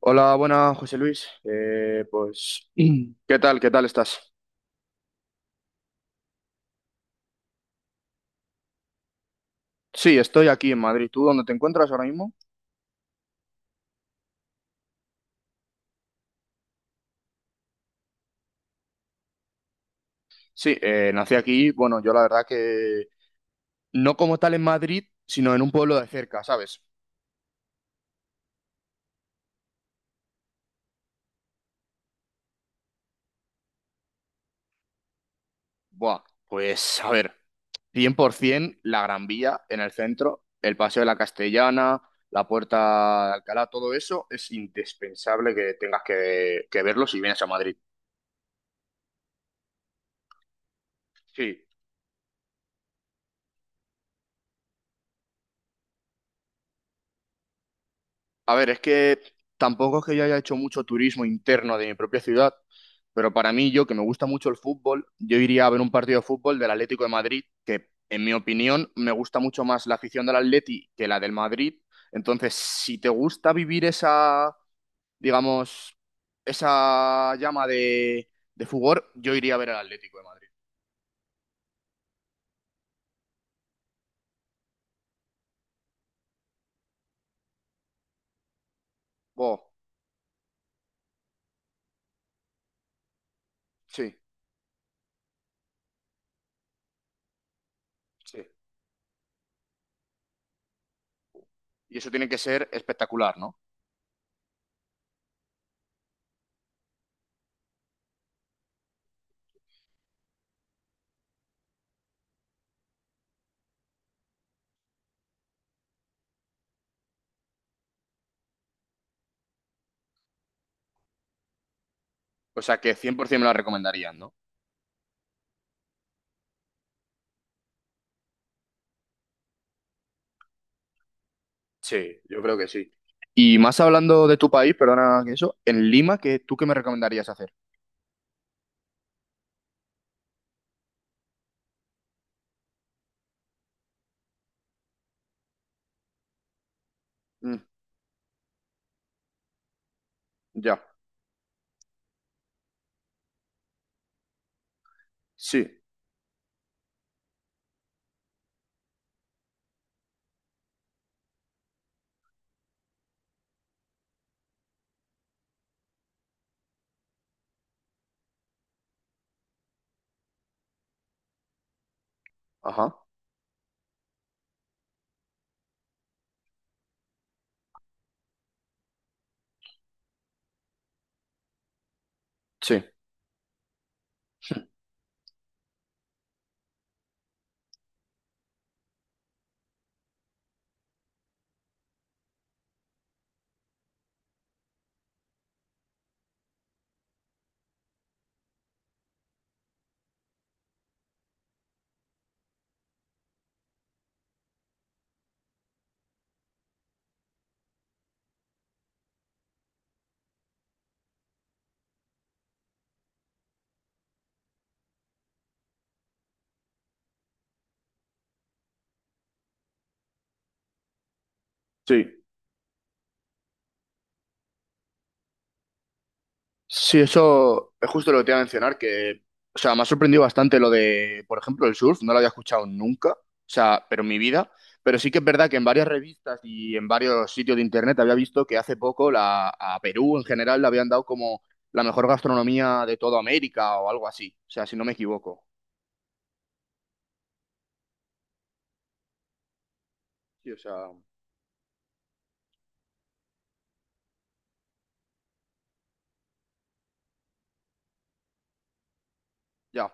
Hola, buenas, José Luis. Pues, ¿qué tal? ¿Qué tal estás? Sí, estoy aquí en Madrid. ¿Tú dónde te encuentras ahora mismo? Sí, nací aquí. Bueno, yo la verdad que no como tal en Madrid, sino en un pueblo de cerca, ¿sabes? Buah, pues a ver, 100% la Gran Vía en el centro, el Paseo de la Castellana, la Puerta de Alcalá, todo eso es indispensable que tengas que verlo si vienes a Madrid. Sí. A ver, es que tampoco es que yo haya hecho mucho turismo interno de mi propia ciudad, pero para mí, yo que me gusta mucho el fútbol, yo iría a ver un partido de fútbol del Atlético de Madrid, que en mi opinión me gusta mucho más la afición del Atleti que la del Madrid. Entonces, si te gusta vivir esa, digamos, esa llama de fútbol, yo iría a ver al Atlético de Madrid. Oh, sí, sí. Y eso tiene que ser espectacular, ¿no? O sea que 100% me la recomendarían, ¿no? Sí, yo creo que sí. Y más hablando de tu país, perdona que eso, en Lima, ¿qué, tú qué me recomendarías hacer? Mm, ya, sí, ajá, sí. Sí. Sí, eso es justo lo que te iba a mencionar, que, o sea, me ha sorprendido bastante lo de, por ejemplo, el surf, no lo había escuchado nunca, o sea, pero en mi vida, pero sí que es verdad que en varias revistas y en varios sitios de internet había visto que hace poco a Perú en general le habían dado como la mejor gastronomía de toda América o algo así, o sea, si no me equivoco. Sí, o sea, ya.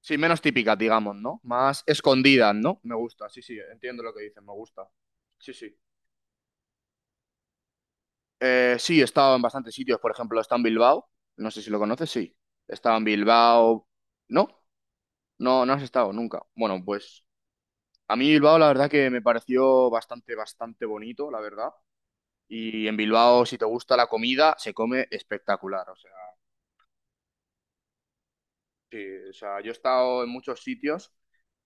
Sí, menos típicas, digamos, ¿no? Más escondidas, ¿no? Me gusta, sí, sí, entiendo lo que dices, me gusta. Sí, sí. Sí, he estado en bastantes sitios, por ejemplo, he estado en Bilbao, no sé si lo conoces, sí. He estado en Bilbao, ¿no? No, no has estado nunca. Bueno, pues a mí Bilbao la verdad que me pareció bastante, bastante bonito, la verdad. Y en Bilbao, si te gusta la comida, se come espectacular, o sea, sí, o sea, yo he estado en muchos sitios.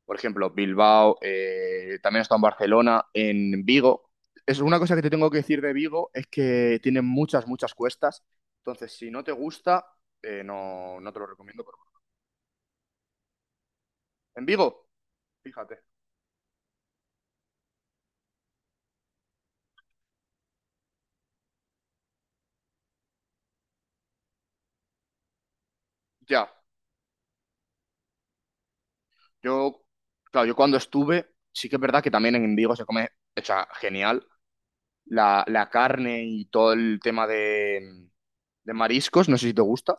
Por ejemplo, Bilbao, también he estado en Barcelona, en Vigo. Es una cosa que te tengo que decir de Vigo es que tiene muchas, muchas cuestas. Entonces, si no te gusta, no, no te lo recomiendo. En Vigo, fíjate. Ya, yo, claro, yo cuando estuve, sí que es verdad que también en Vigo se come, o sea, genial. La carne y todo el tema de, mariscos, no sé si te gusta.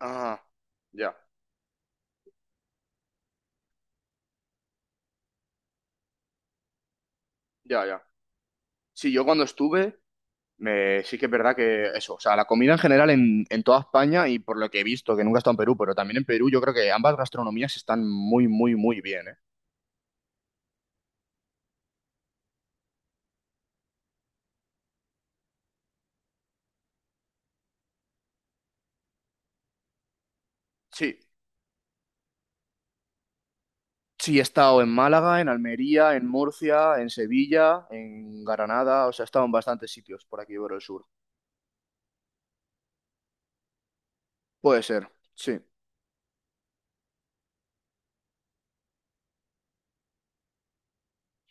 Ah, ya, ya, ya. Sí, yo cuando estuve. Sí que es verdad que eso, o sea, la comida en general en toda España y por lo que he visto, que nunca he estado en Perú, pero también en Perú yo creo que ambas gastronomías están muy, muy, muy bien, ¿eh? Sí, sí, he estado en Málaga, en Almería, en Murcia, en Sevilla, en Granada, o sea, he estado en bastantes sitios por aquí por el sur. Puede ser, sí,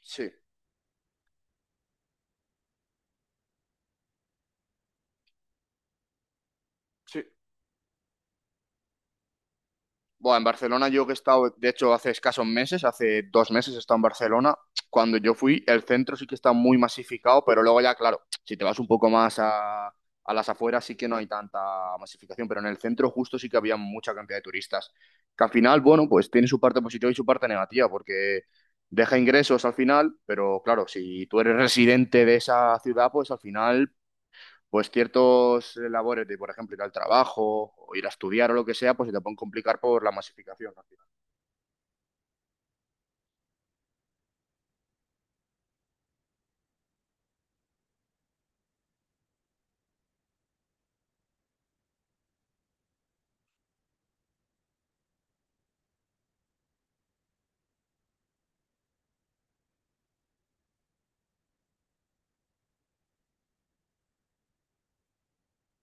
sí, sí. Bueno, en Barcelona yo que he estado, de hecho, hace escasos meses, hace 2 meses he estado en Barcelona. Cuando yo fui, el centro sí que está muy masificado, pero luego ya, claro, si te vas un poco más a las afueras sí que no hay tanta masificación, pero en el centro justo sí que había mucha cantidad de turistas. Que al final, bueno, pues tiene su parte positiva y su parte negativa, porque deja ingresos al final, pero claro, si tú eres residente de esa ciudad, pues al final pues ciertos labores de, por ejemplo, ir al trabajo o ir a estudiar o lo que sea, pues se te pueden complicar por la masificación al final.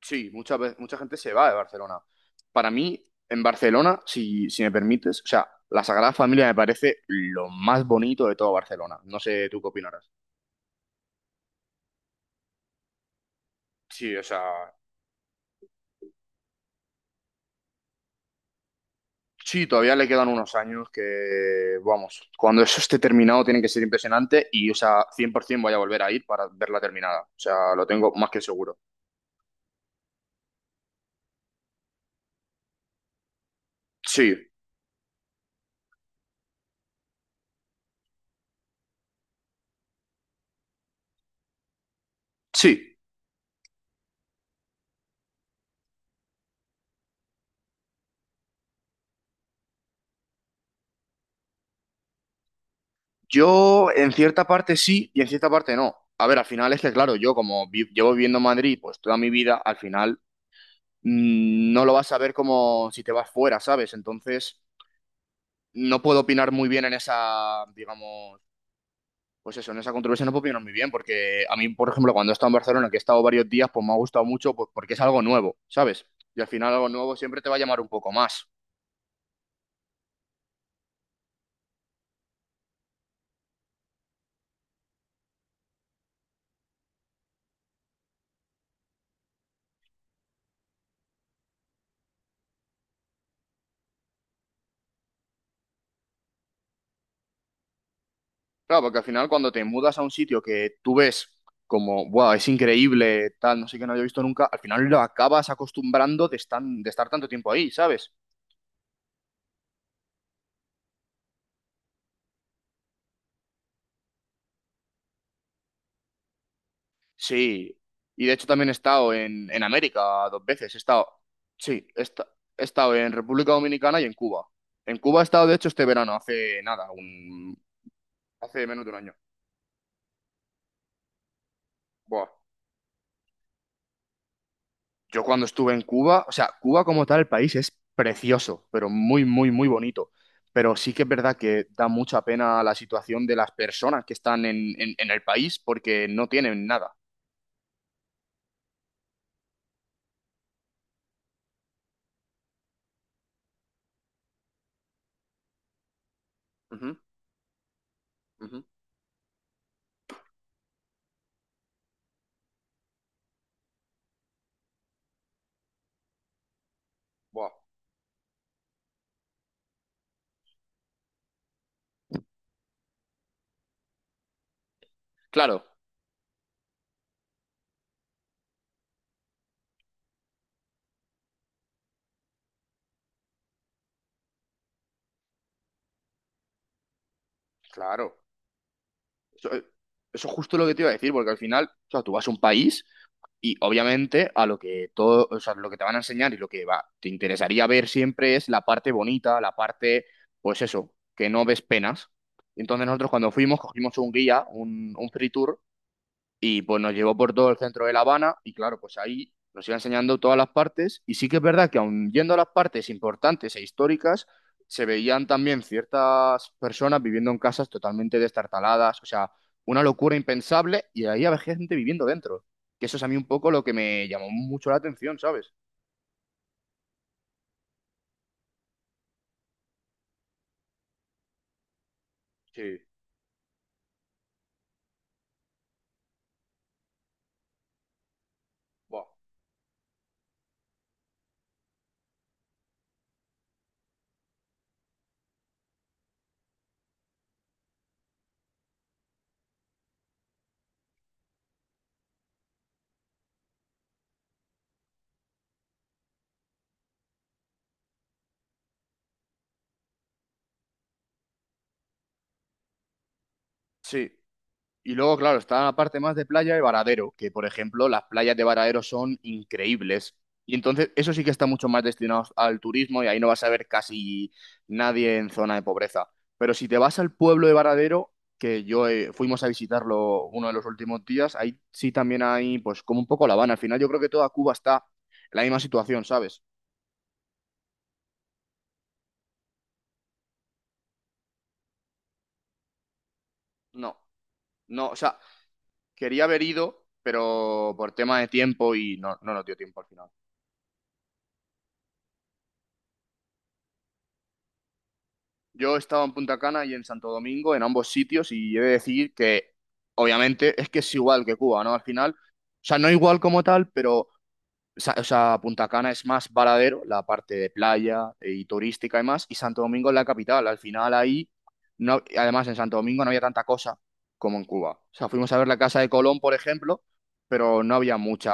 Sí, mucha gente se va de Barcelona. Para mí, en Barcelona, si me permites, o sea, la Sagrada Familia me parece lo más bonito de todo Barcelona. No sé tú qué opinarás. Sí, o sea, sí, todavía le quedan unos años que, vamos, cuando eso esté terminado tiene que ser impresionante y, o sea, 100% voy a volver a ir para verla terminada. O sea, lo tengo más que seguro. Sí, sí. Yo en cierta parte sí y en cierta parte no. A ver, al final es que, claro, yo como llevo viviendo en Madrid pues toda mi vida, al final no lo vas a ver como si te vas fuera, ¿sabes? Entonces, no puedo opinar muy bien en esa, digamos, pues eso, en esa controversia no puedo opinar muy bien porque a mí, por ejemplo, cuando he estado en Barcelona, que he estado varios días, pues me ha gustado mucho pues, porque es algo nuevo, ¿sabes? Y al final algo nuevo siempre te va a llamar un poco más. Claro, porque al final cuando te mudas a un sitio que tú ves como, wow, es increíble, tal, no sé qué no había visto nunca, al final lo acabas acostumbrando de estar tanto tiempo ahí, ¿sabes? Sí. Y de hecho también he estado en América dos veces. He estado, sí, he estado en República Dominicana y en Cuba. En Cuba he estado, de hecho, este verano, hace nada, hace menos de un año. Buah. Yo cuando estuve en Cuba, o sea, Cuba como tal, el país es precioso, pero muy, muy, muy bonito. Pero sí que es verdad que da mucha pena la situación de las personas que están en, en el país porque no tienen nada. Ujú, ujú. Buah. Claro, claro. Eso, eh, eso es justo lo que te iba a decir, porque al final, o sea, tú vas a un país. Y obviamente a lo que todo, o sea, lo que te van a enseñar y lo que va, te interesaría ver siempre es la parte bonita, la parte, pues eso, que no ves penas. Entonces nosotros cuando fuimos cogimos un guía, un free tour, y pues nos llevó por todo el centro de La Habana y claro, pues ahí nos iba enseñando todas las partes y sí que es verdad que aun yendo a las partes importantes e históricas, se veían también ciertas personas viviendo en casas totalmente destartaladas, o sea, una locura impensable y ahí había gente viviendo dentro. Que eso es a mí un poco lo que me llamó mucho la atención, ¿sabes? Sí, buah. Sí. Y luego, claro, está la parte más de playa de Varadero, que por ejemplo, las playas de Varadero son increíbles. Y entonces, eso sí que está mucho más destinado al turismo y ahí no vas a ver casi nadie en zona de pobreza. Pero si te vas al pueblo de Varadero, que yo fuimos a visitarlo uno de los últimos días, ahí sí también hay, pues, como un poco La Habana. Al final, yo creo que toda Cuba está en la misma situación, ¿sabes? No, no, o sea, quería haber ido, pero por tema de tiempo y no, no nos dio tiempo al final. Yo estaba en Punta Cana y en Santo Domingo, en ambos sitios, y he de decir que, obviamente, es que es igual que Cuba, ¿no? Al final, o sea, no igual como tal, pero, o sea, Punta Cana es más varadero, la parte de playa y turística y más, y Santo Domingo es la capital. Al final ahí, no, además en Santo Domingo no había tanta cosa como en Cuba. O sea, fuimos a ver la Casa de Colón, por ejemplo, pero no había mucha,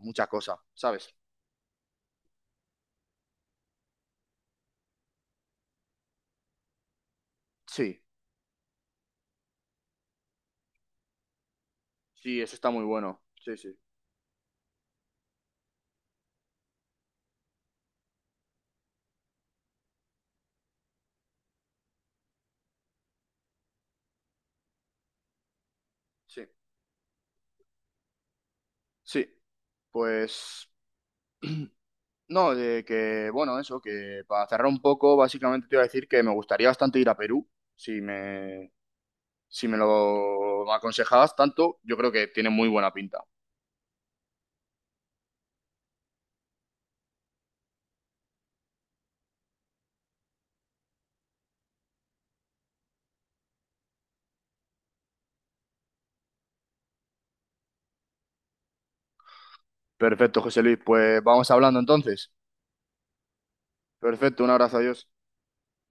mucha cosa, ¿sabes? Sí, sí, eso está muy bueno. Sí, sí, sí. Sí, pues. No, de que, bueno, eso, que para cerrar un poco, básicamente te iba a decir que me gustaría bastante ir a Perú, si me, si me lo aconsejabas tanto, yo creo que tiene muy buena pinta. Perfecto, José Luis, pues vamos hablando entonces. Perfecto, un abrazo, adiós.